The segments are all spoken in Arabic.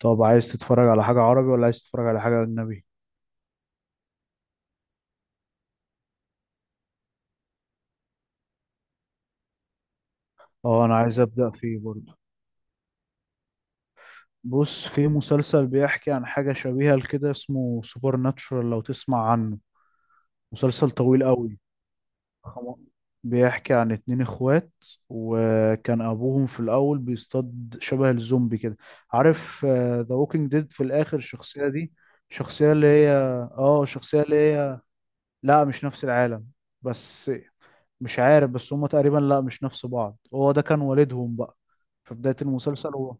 طب عايز تتفرج على حاجة عربي ولا عايز تتفرج على حاجة أجنبي؟ اه، أنا عايز أبدأ فيه برضه. بص، في مسلسل بيحكي عن حاجة شبيهة لكده اسمه سوبر ناتشورال لو تسمع عنه. مسلسل طويل قوي. خم- بيحكي عن اتنين اخوات، وكان أبوهم في الأول بيصطاد شبه الزومبي كده. عارف ذا ووكينج ديد؟ في الآخر الشخصية دي. شخصية اللي هي اه شخصية اللي هي. لا مش نفس العالم. بس مش عارف، بس هما تقريبا لا مش نفس بعض، هو ده كان والدهم بقى في بداية المسلسل هو.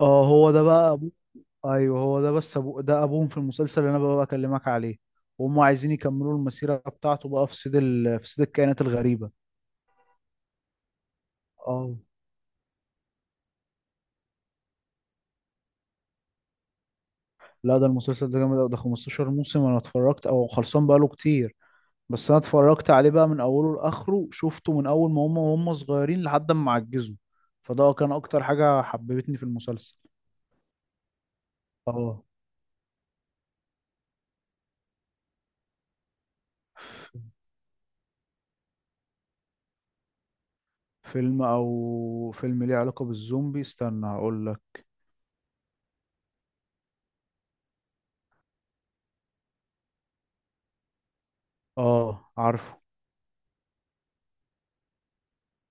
اه، هو ده بقى ابوه. ايوه هو ده، بس ابوهم في المسلسل اللي انا بقى بكلمك عليه. وهم عايزين يكملوا المسيرة بتاعته بقى في صيد الكائنات الغريبة. اه. لا، ده المسلسل ده جامد أوي، ده 15 موسم، انا اتفرجت او خلصان بقاله كتير. بس انا اتفرجت عليه بقى من اوله لاخره، شفته من اول ما هم صغيرين لحد ما عجزوا. فده كان اكتر حاجة حببتني في المسلسل. اه. فيلم ليه علاقة بالزومبي، استنى هقول لك. اه، عارفه.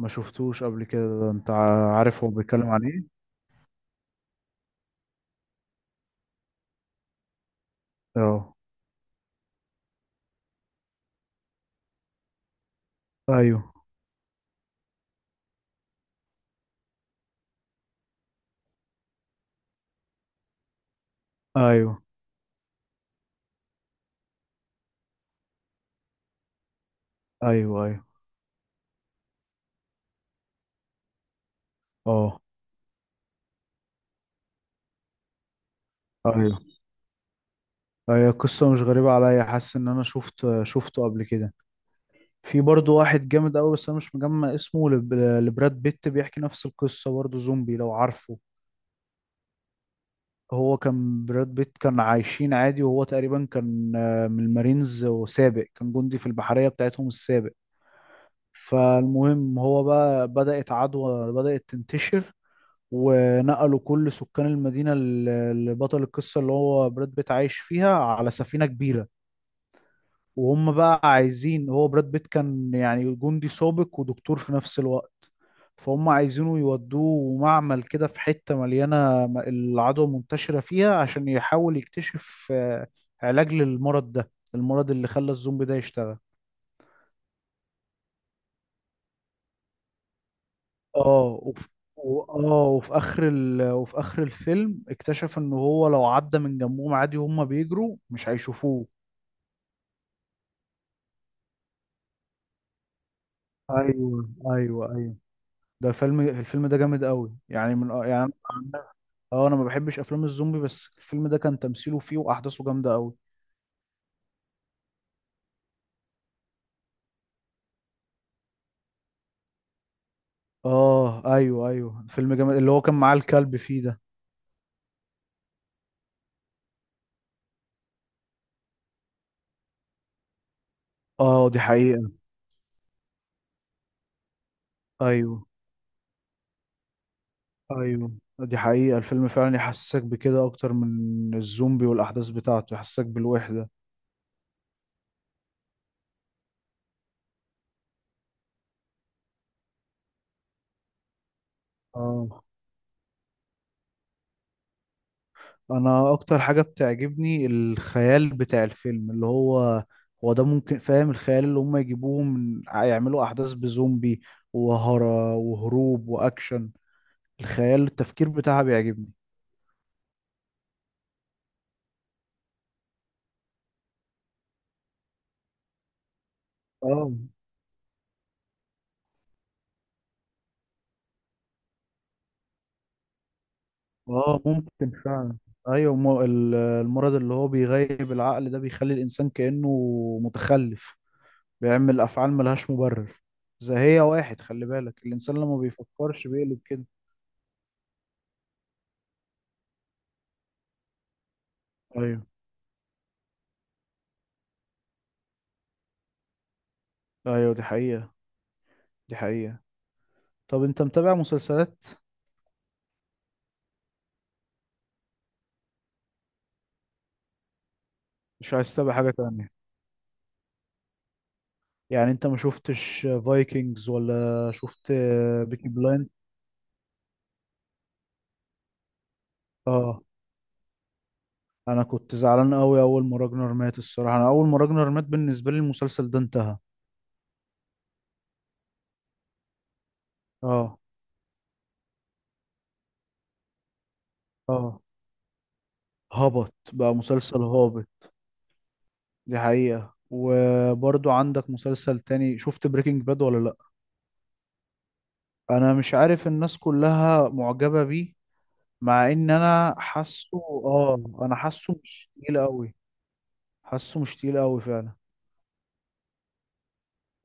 ما شفتوش قبل كده ده انت. عارف هو بيتكلم عن ايه. اه، ايوه، ايوه، ايوه. ايوه، اه، ايوه. هي قصة مش غريبة عليا، حاسس ان انا شفته قبل كده. في برضه واحد جامد قوي بس انا مش مجمع اسمه، لبراد بيت، بيحكي نفس القصة برضه زومبي لو عارفه. هو كان براد بيت كان عايشين عادي، وهو تقريبا كان من المارينز وسابق، كان جندي في البحرية بتاعتهم السابق. فالمهم هو بقى بدأت عدوى بدأت تنتشر. ونقلوا كل سكان المدينة اللي بطل القصة اللي هو براد بيت عايش فيها على سفينة كبيرة. وهم بقى عايزين، هو براد بيت كان يعني جندي سابق ودكتور في نفس الوقت. فهم عايزينه يودوه معمل كده في حتة مليانة، العدوى منتشرة فيها، عشان يحاول يكتشف علاج للمرض ده، المرض اللي خلى الزومبي ده يشتغل. اه وف... و- اه وفي اخر ال... وفي اخر الفيلم اكتشف ان هو لو عدى من جنبهم عادي وهم بيجروا مش هيشوفوه. ايوه، ايوه، ايوه. ده فيلم الفيلم ده جامد قوي يعني من آه، يعني أنا- اه، انا ما بحبش افلام الزومبي، بس الفيلم ده كان تمثيله فيه واحداثه جامده قوي. اه، ايوه، ايوه، فيلم جامد، اللي هو كان معاه الكلب فيه ده. اه، دي حقيقه. ايوه، ايوه، دي حقيقه، الفيلم فعلا يحسسك بكده اكتر من الزومبي والاحداث بتاعته يحسسك بالوحده. اه، انا اكتر حاجه بتعجبني الخيال بتاع الفيلم، اللي هو ده، ممكن فاهم، الخيال اللي هم يجيبوه من يعملوا احداث بزومبي وهروب واكشن. الخيال، التفكير بتاعها بيعجبني. اه. اه، ممكن فعلا. ايوه، المرض اللي هو بيغيب العقل ده بيخلي الانسان كانه متخلف، بيعمل افعال ملهاش مبرر. زي واحد خلي بالك الانسان لما بيفكرش بيقلب كده. ايوه، ايوه، دي حقيقه. دي حقيقه. طب انت متابع مسلسلات؟ مش عايز تتابع حاجة تانية؟ يعني انت ما شفتش فايكنجز ولا شفت بيكي بلايند؟ اه، انا كنت زعلان قوي اول ما راجنر مات. الصراحة انا اول ما راجنر مات بالنسبة لي المسلسل ده انتهى. اه. اه، هبط بقى، مسلسل هابط. دي حقيقة. وبرضو عندك مسلسل تاني، شفت بريكنج باد ولا لا؟ انا مش عارف الناس كلها معجبة بيه، مع ان انا حاسه. اه، انا حاسه مش تقيل قوي. حاسه مش تقيل قوي فعلا.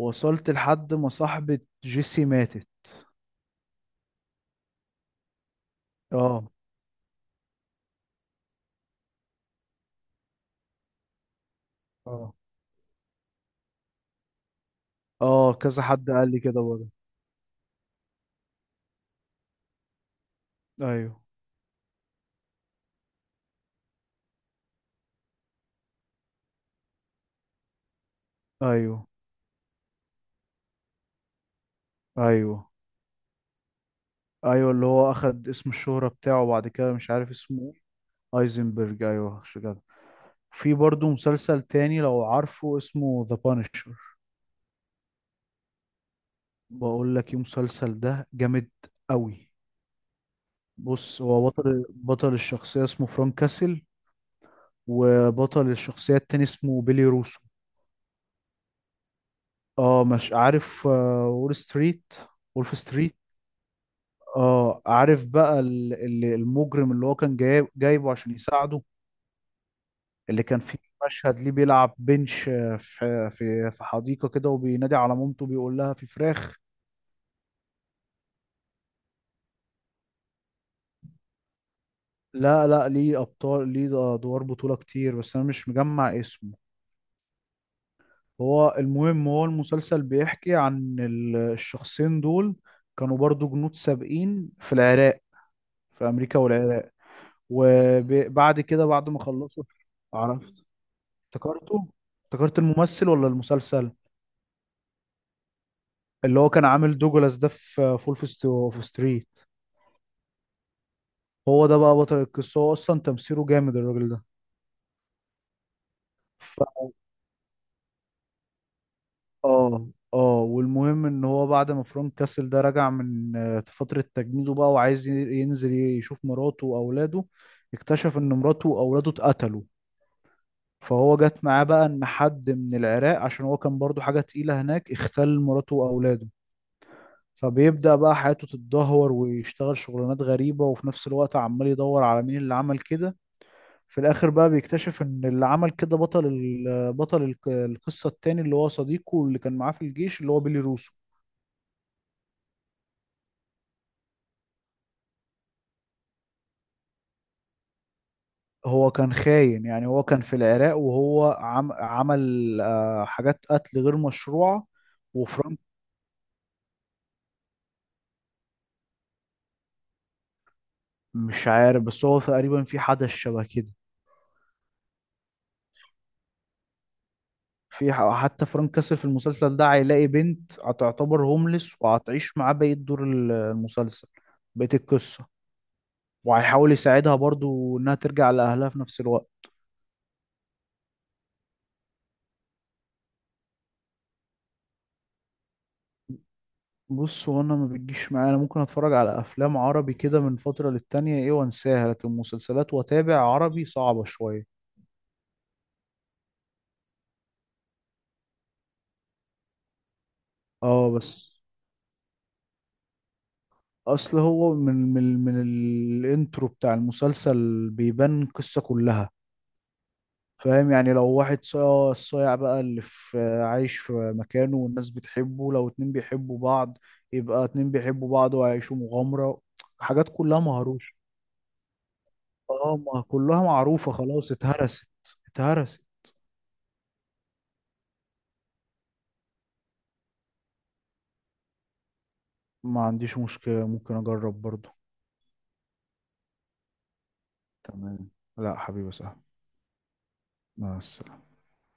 وصلت لحد ما صاحبة جيسي ماتت. اه، اه، اه، كذا حد قال لي كده برضه. ايوه، ايوه، ايوه، ايوه، اللي هو اخد اسم الشهرة بتاعه بعد كده مش عارف اسمه. ايه، ايزنبرج، ايوه مش كده. في برضه مسلسل تاني لو عارفه اسمه ذا بانشر. بقول لك ايه، المسلسل ده جامد قوي. بص، هو بطل الشخصية اسمه فرانك كاسل. وبطل الشخصية التاني اسمه بيلي روسو. اه. مش عارف، وولف ستريت. اه، عارف بقى المجرم اللي هو كان جايبه عشان يساعده. اللي كان فيه مشهد ليه بيلعب بنش في حديقة كده، وبينادي على مامته، بيقول لها في فراخ. لا، لا، ليه ادوار بطولة كتير، بس انا مش مجمع اسمه. هو المهم، هو المسلسل بيحكي عن الشخصين دول، كانوا برضو جنود سابقين في امريكا والعراق. وبعد كده بعد ما خلصوا. عرفت. افتكرته. افتكرت الممثل ولا المسلسل؟ اللي هو كان عامل دوجلاس ده في فول في ستو في ستريت. هو ده بقى بطل القصة، هو أصلا تمثيله جامد الراجل ده. ف... اه، اه، والمهم ان هو بعد ما فرانك كاسل ده رجع من فترة تجنيده بقى، وعايز ينزل يشوف مراته واولاده. اكتشف ان مراته واولاده اتقتلوا. فهو جت معاه بقى ان حد من العراق، عشان هو كان برضو حاجة تقيلة هناك اختل مراته واولاده. فبيبدأ بقى حياته تتدهور، ويشتغل شغلانات غريبة، وفي نفس الوقت عمال يدور على مين اللي عمل كده. في الآخر بقى بيكتشف إن اللي عمل كده بطل القصة التاني، اللي هو صديقه اللي كان معاه في الجيش اللي هو بيلي روسو. هو كان خاين يعني، هو كان في العراق وهو عمل حاجات قتل غير مشروعة. وفرانك. مش عارف بس هو تقريبا في حدث شبه كده. حتى فرانك كاسل في المسلسل ده هيلاقي بنت هتعتبر هوملس وهتعيش معاه بقية دور المسلسل. بقية القصة. وهيحاول يساعدها برضو انها ترجع لأهلها في نفس الوقت. بص، هو انا ما بتجيش معايا، انا ممكن اتفرج على افلام عربي كده من فترة للتانية ايه وانساها، لكن مسلسلات واتابع عربي صعبة شوية. اه بس، اصل هو من الانترو بتاع المسلسل بيبان القصة كلها. فاهم يعني؟ لو واحد صايع، الصايع بقى اللي في، عايش في مكانه والناس بتحبه، لو اتنين بيحبوا بعض، يبقى اتنين بيحبوا بعض وهيعيشوا مغامرة. حاجات كلها مهروشة. اه، ما كلها معروفة، خلاص اتهرست. اتهرست. ما عنديش مشكلة، ممكن اجرب برضو. تمام. لا حبيبي، سهل. مع السلامة.